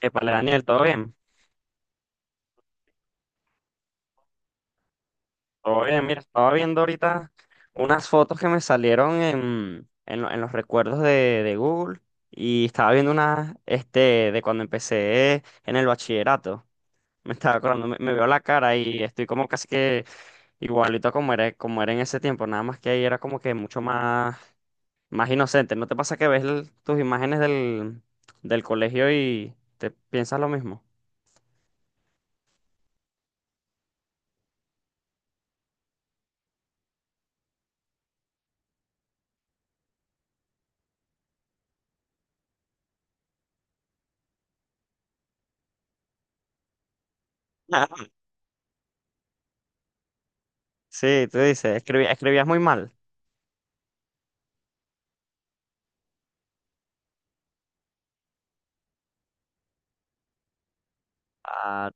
Epale, Daniel, ¿todo bien? Todo bien, mira, estaba viendo ahorita unas fotos que me salieron en los recuerdos de Google y estaba viendo unas de cuando empecé en el bachillerato. Me estaba acordando, me veo la cara y estoy como casi que igualito como era en ese tiempo, nada más que ahí era como que mucho más, más inocente. ¿No te pasa que ves tus imágenes del colegio y te piensas lo mismo? Sí, tú dices, escribías muy mal. Ah,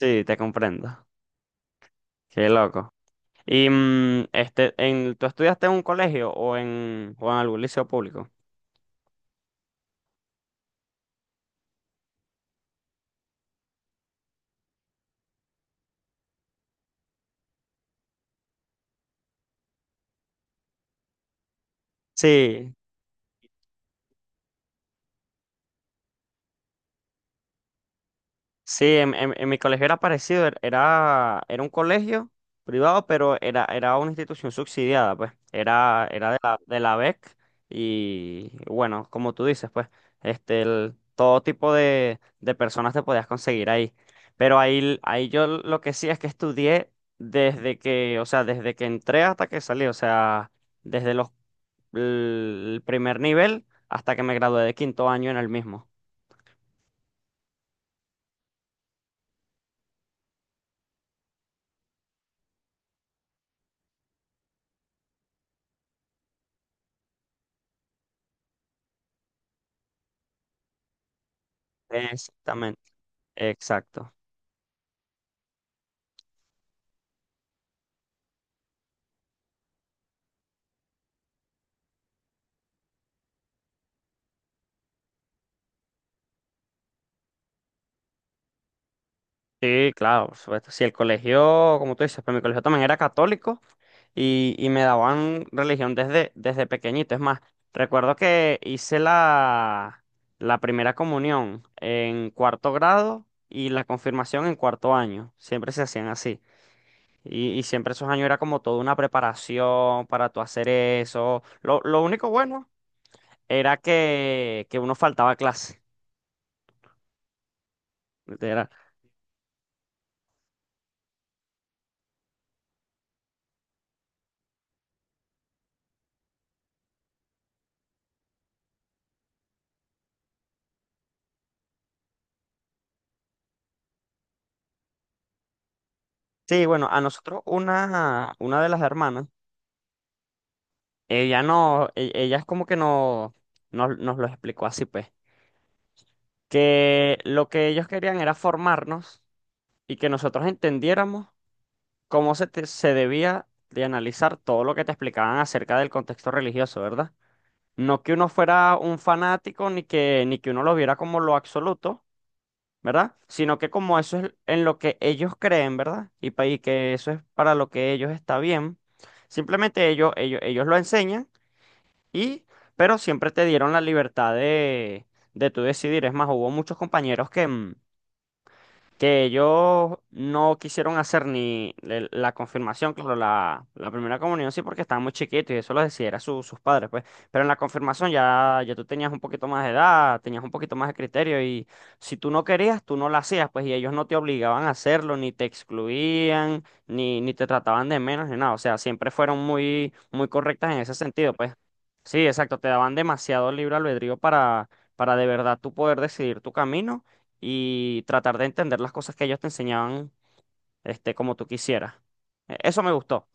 Sí, te comprendo. Qué loco. Y ¿tú estudiaste en un colegio o o en algún liceo público? Sí, Sí, en mi colegio era parecido, era un colegio privado, pero era una institución subsidiada, pues, era de la BEC. Y bueno, como tú dices, pues, todo tipo de personas te podías conseguir ahí. Pero ahí yo lo que sí es que estudié desde que, o sea, desde que entré hasta que salí, o sea, desde los, el primer nivel hasta que me gradué de quinto año en el mismo. Exactamente, exacto. Sí, claro, por supuesto. Si el colegio, como tú dices, pero mi colegio también era católico y me daban religión desde pequeñito. Es más, recuerdo que hice la primera comunión en cuarto grado y la confirmación en cuarto año. Siempre se hacían así. Y siempre esos años era como toda una preparación para tú hacer eso. Lo único bueno era que uno faltaba a clase. Era- Sí, bueno, a nosotros una de las hermanas. Ella no, e- ella es como que no, nos lo explicó así, pues, que lo que ellos querían era formarnos y que nosotros entendiéramos cómo se, se debía de analizar todo lo que te explicaban acerca del contexto religioso, ¿verdad? No que uno fuera un fanático ni que, ni que uno lo viera como lo absoluto, ¿verdad? Sino que como eso es en lo que ellos creen, ¿verdad? Y, y que eso es para lo que ellos está bien. Simplemente ellos lo enseñan. Y, pero siempre te dieron la libertad de tú decidir. Es más, hubo muchos compañeros que, que ellos no quisieron hacer ni la confirmación, claro, la primera comunión sí porque estaban muy chiquitos y eso lo decidiera sus padres, pues, pero en la confirmación ya tú tenías un poquito más de edad, tenías un poquito más de criterio y si tú no querías, tú no la hacías, pues, y ellos no te obligaban a hacerlo, ni te excluían, ni, ni te trataban de menos, ni nada, o sea, siempre fueron muy, muy correctas en ese sentido, pues. Sí, exacto, te daban demasiado libre albedrío para de verdad tú poder decidir tu camino y tratar de entender las cosas que ellos te enseñaban, como tú quisieras. E- Eso me gustó,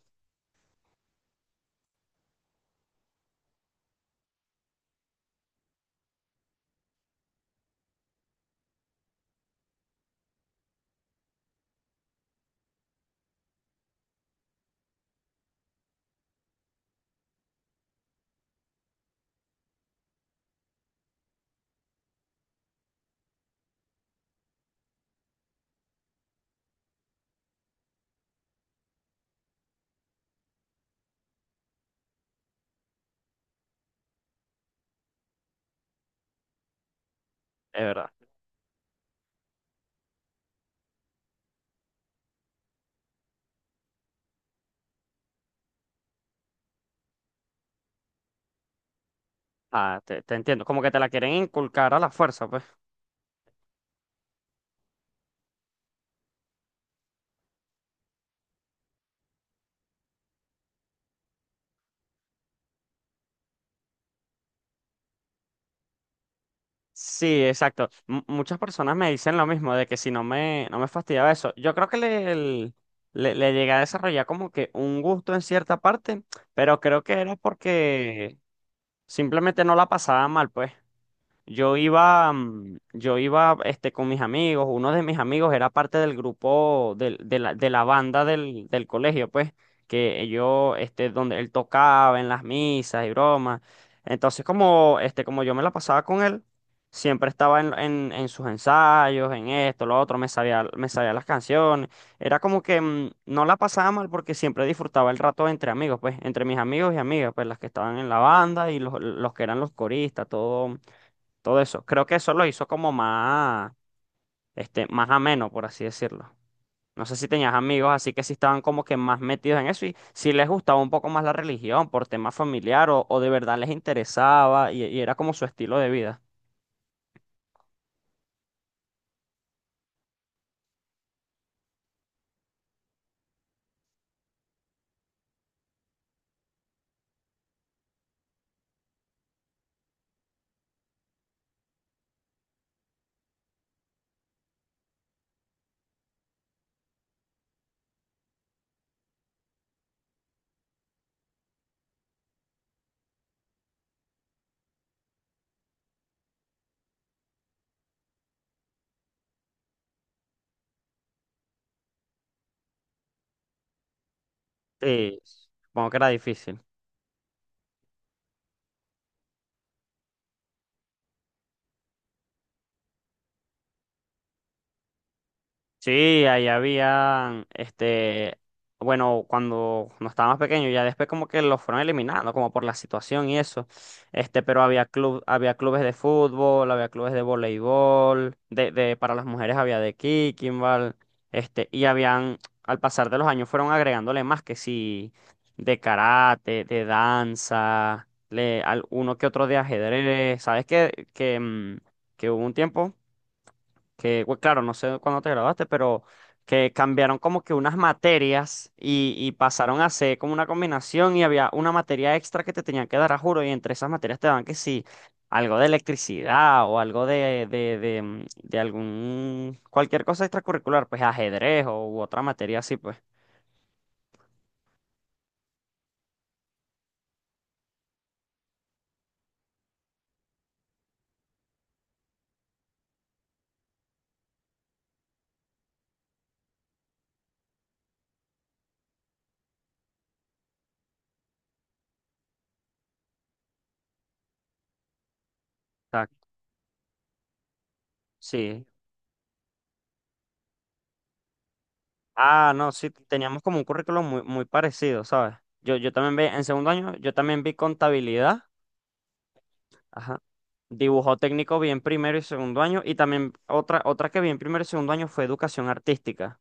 es verdad. Ah, te entiendo. Como que te la quieren inculcar a la fuerza, pues. Sí, exacto. M- muchas personas me dicen lo mismo, de que si no me, no me fastidiaba eso. Yo creo que le llegué a desarrollar como que un gusto en cierta parte, pero creo que era porque simplemente no la pasaba mal, pues. Yo iba con mis amigos, uno de mis amigos era parte del grupo de la banda del colegio, pues, que yo, este, donde él tocaba en las misas y bromas. Entonces, como yo me la pasaba con él, siempre estaba en sus ensayos, en esto, lo otro, me sabía las canciones. Era como que no la pasaba mal porque siempre disfrutaba el rato entre amigos, pues, entre mis amigos y amigas, pues, las que estaban en la banda y los que eran los coristas, todo eso. Creo que eso lo hizo como más, más ameno, por así decirlo. No sé si tenías amigos, así que sí estaban como que más metidos en eso y si les gustaba un poco más la religión por tema familiar o de verdad les interesaba y era como su estilo de vida. Sí. Supongo que era difícil. Sí, ahí había, bueno, cuando no estaba más pequeño, ya después como que los fueron eliminando, como por la situación y eso, pero había club, había clubes de fútbol, había clubes de voleibol, para las mujeres había de kickingball, y habían, al pasar de los años fueron agregándole más que sí, de karate, de danza, uno que otro de ajedrez, ¿sabes qué? Que, que hubo un tiempo que, bueno, claro, no sé cuándo te graduaste, pero que cambiaron como que unas materias y pasaron a ser como una combinación y había una materia extra que te tenían que dar a juro y entre esas materias te daban que sí, algo de electricidad o algo de algún, cualquier cosa extracurricular, pues ajedrez o u otra materia así, pues. Exacto. Sí. Ah, no, sí, teníamos como un currículum muy, muy parecido, ¿sabes? Yo también vi, en segundo año, yo también vi contabilidad. Ajá. Dibujo técnico bien primero y segundo año. Y también otra que vi en primero y segundo año fue educación artística.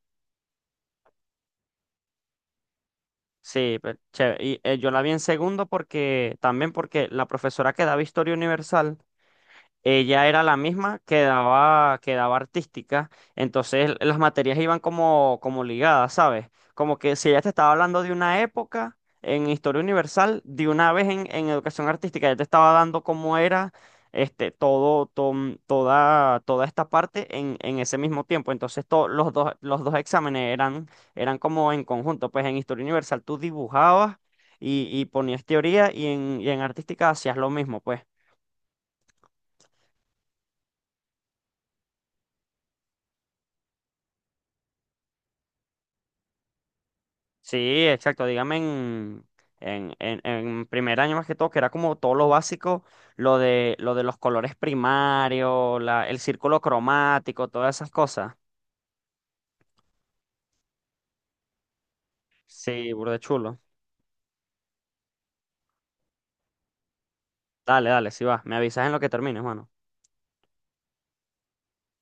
Sí, pe- chévere. Y yo la vi en segundo porque, también porque la profesora que daba historia universal ella era la misma que daba artística, entonces las materias iban como, como ligadas, ¿sabes? Como que si ella te estaba hablando de una época en historia universal, de una vez en educación artística, ella te estaba dando cómo era toda esta parte en ese mismo tiempo. Entonces los dos exámenes eran como en conjunto, pues en historia universal tú dibujabas y ponías teoría y en artística hacías lo mismo, pues. Sí, exacto. Dígame en primer año más que todo, que era como todo lo básico, lo de los colores primarios, el círculo cromático, todas esas cosas. Sí, burda de chulo. Dale, dale, sí va. Me avisas en lo que termines, mano.